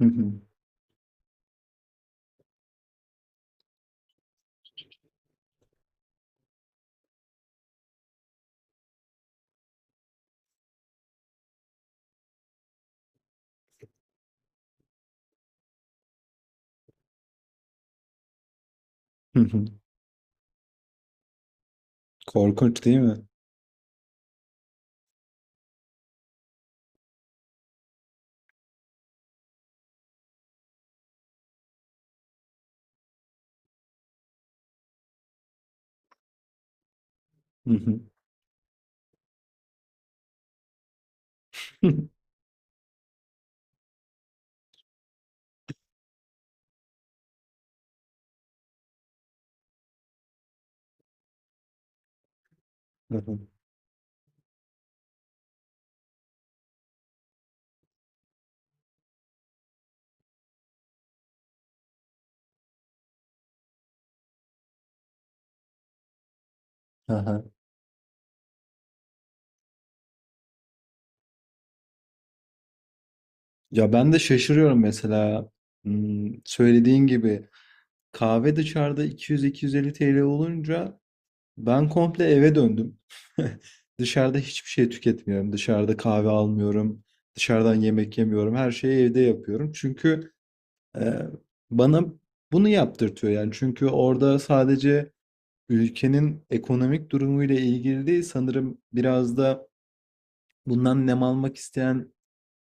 Hı hı. Hı hı. Korkunç değil mi? Hı hı. Hı hı. Aha. Ya ben de şaşırıyorum mesela. Söylediğin gibi kahve dışarıda 200-250 TL olunca ben komple eve döndüm. Dışarıda hiçbir şey tüketmiyorum. Dışarıda kahve almıyorum. Dışarıdan yemek yemiyorum. Her şeyi evde yapıyorum. Çünkü e, bana bunu yaptırtıyor yani. Çünkü orada sadece ülkenin ekonomik durumuyla ilgili değil sanırım, biraz da bundan nem almak isteyen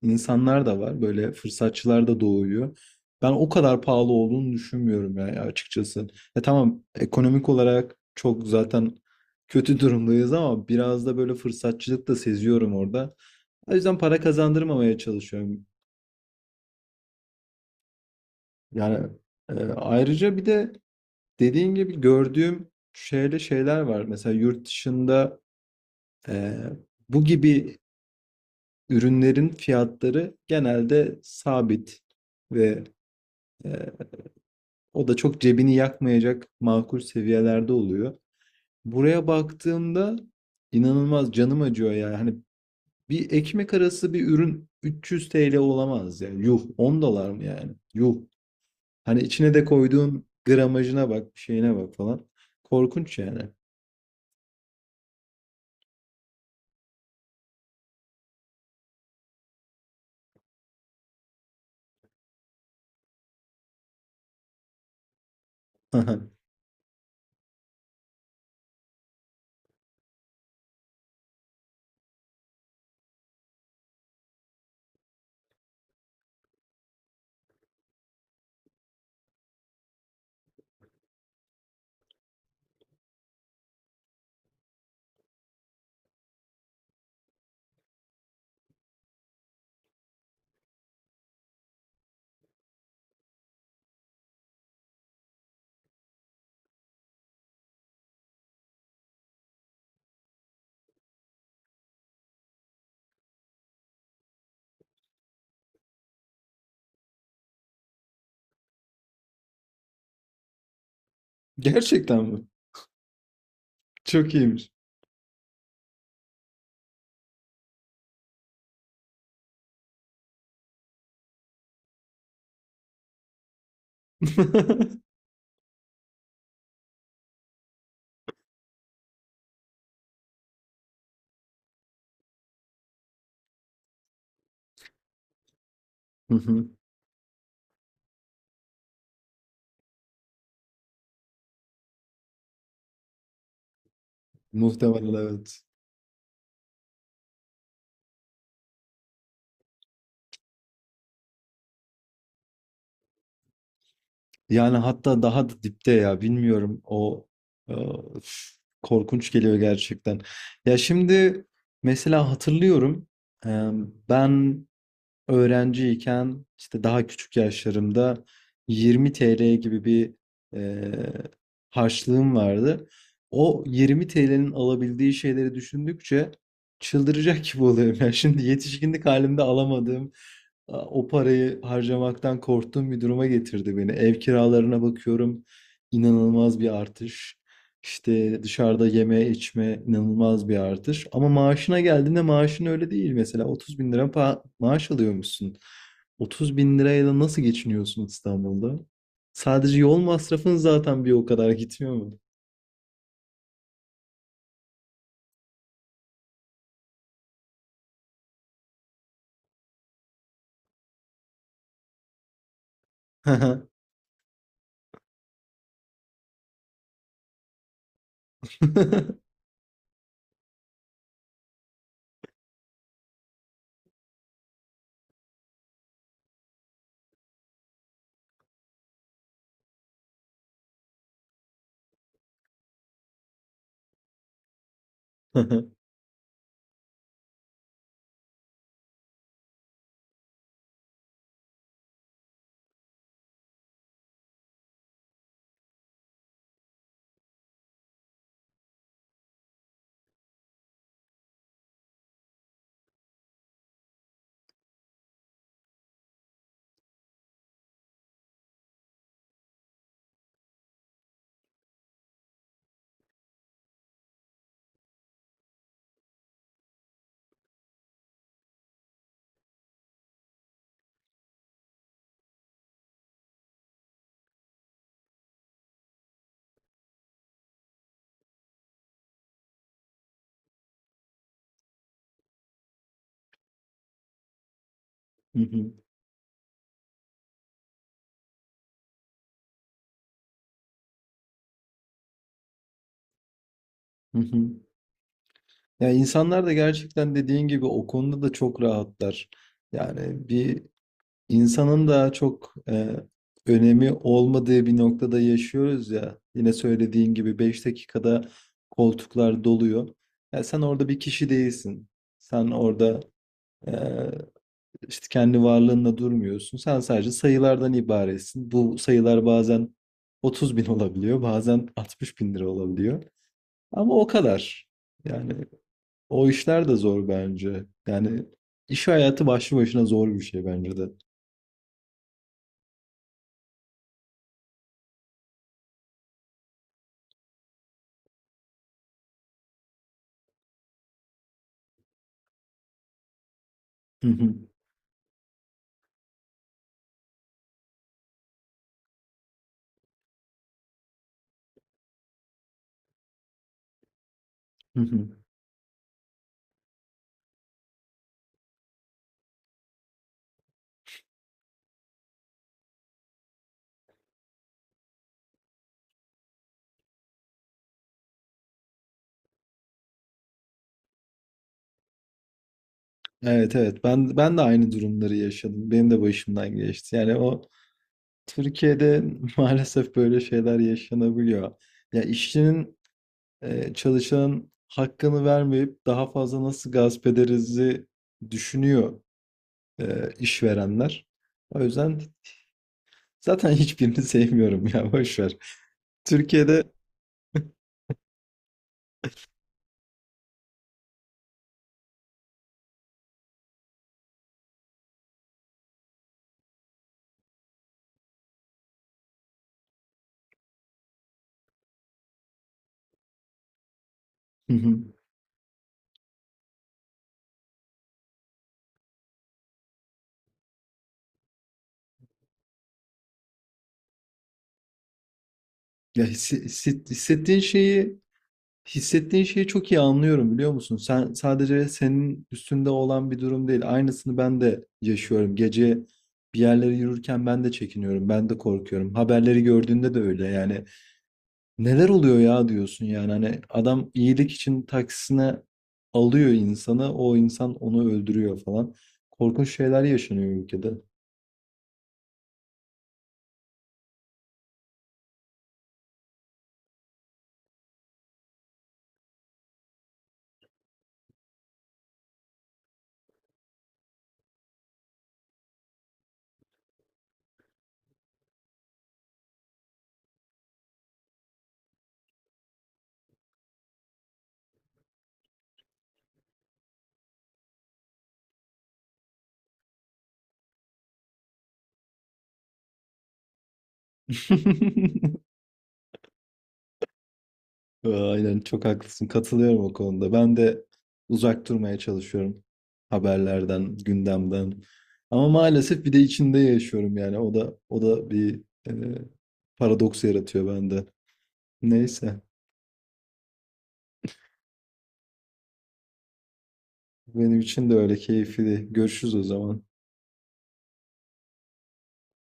insanlar da var. Böyle fırsatçılar da doğuyor. Ben o kadar pahalı olduğunu düşünmüyorum yani, açıkçası. E tamam, ekonomik olarak çok zaten kötü durumdayız ama biraz da böyle fırsatçılık da seziyorum orada. O yüzden para kazandırmamaya çalışıyorum. Yani ayrıca bir de dediğin gibi gördüğüm şöyle şeyler var. Mesela yurt dışında e, bu gibi ürünlerin fiyatları genelde sabit, ve Ee, o da çok cebini yakmayacak makul seviyelerde oluyor. Buraya baktığımda inanılmaz canım acıyor ya. Hani bir ekmek arası bir ürün 300 TL olamaz yani. Yuh, 10 dolar mı yani? Yuh. Hani içine de koyduğun gramajına bak, bir şeyine bak falan. Korkunç yani. Gerçekten mi? Çok iyiymiş. Hı hı. Muhtemelen evet. Yani hatta daha da dipte ya, bilmiyorum, o e, üf, korkunç geliyor gerçekten. Ya şimdi mesela hatırlıyorum, e, ben öğrenciyken, işte daha küçük yaşlarımda, 20 TL gibi bir eee harçlığım vardı. O 20 TL'nin alabildiği şeyleri düşündükçe çıldıracak gibi oluyorum. Yani şimdi yetişkinlik halimde alamadığım, o parayı harcamaktan korktuğum bir duruma getirdi beni. Ev kiralarına bakıyorum, inanılmaz bir artış. İşte dışarıda yeme içme inanılmaz bir artış. Ama maaşına geldiğinde maaşın öyle değil. Mesela 30 bin lira maaş alıyormuşsun. 30 bin lirayla nasıl geçiniyorsun İstanbul'da? Sadece yol masrafın zaten bir o kadar gitmiyor mu? Ya insanlar da gerçekten dediğin gibi o konuda da çok rahatlar. Yani bir İnsanın da çok önemi olmadığı bir noktada yaşıyoruz ya. Yine söylediğin gibi 5 dakikada koltuklar doluyor. Ya sen orada bir kişi değilsin. Sen orada e, işte kendi varlığınla durmuyorsun. Sen sadece sayılardan ibaretsin. Bu sayılar bazen 30.000 olabiliyor, bazen 60.000 lira olabiliyor. Ama o kadar. Yani o işler de zor bence. Yani iş hayatı başlı başına zor bir şey bence de. Evet, evet, ben de aynı durumları yaşadım. Benim de başımdan geçti. Yani o, Türkiye'de maalesef böyle şeyler yaşanabiliyor. Ya işçinin, çalışanın hakkını vermeyip daha fazla nasıl gasp ederizi düşünüyor işverenler. O yüzden zaten hiçbirini sevmiyorum ya, boş ver. Türkiye'de. ya hissi- hisset- hissettiğin şeyi Hissettiğin şeyi çok iyi anlıyorum, biliyor musun? Sen sadece senin üstünde olan bir durum değil. Aynısını ben de yaşıyorum. Gece bir yerlere yürürken ben de çekiniyorum. Ben de korkuyorum. Haberleri gördüğünde de öyle. Yani neler oluyor ya diyorsun yani. Hani adam iyilik için taksisine alıyor insanı. O insan onu öldürüyor falan. Korkunç şeyler yaşanıyor ülkede. Aynen, çok haklısın. Katılıyorum o konuda. Ben de uzak durmaya çalışıyorum haberlerden, gündemden. Ama maalesef bir de içinde yaşıyorum yani. O da bir e, paradoks yaratıyor bende. Neyse. Benim için de öyle keyifli. Görüşürüz o zaman.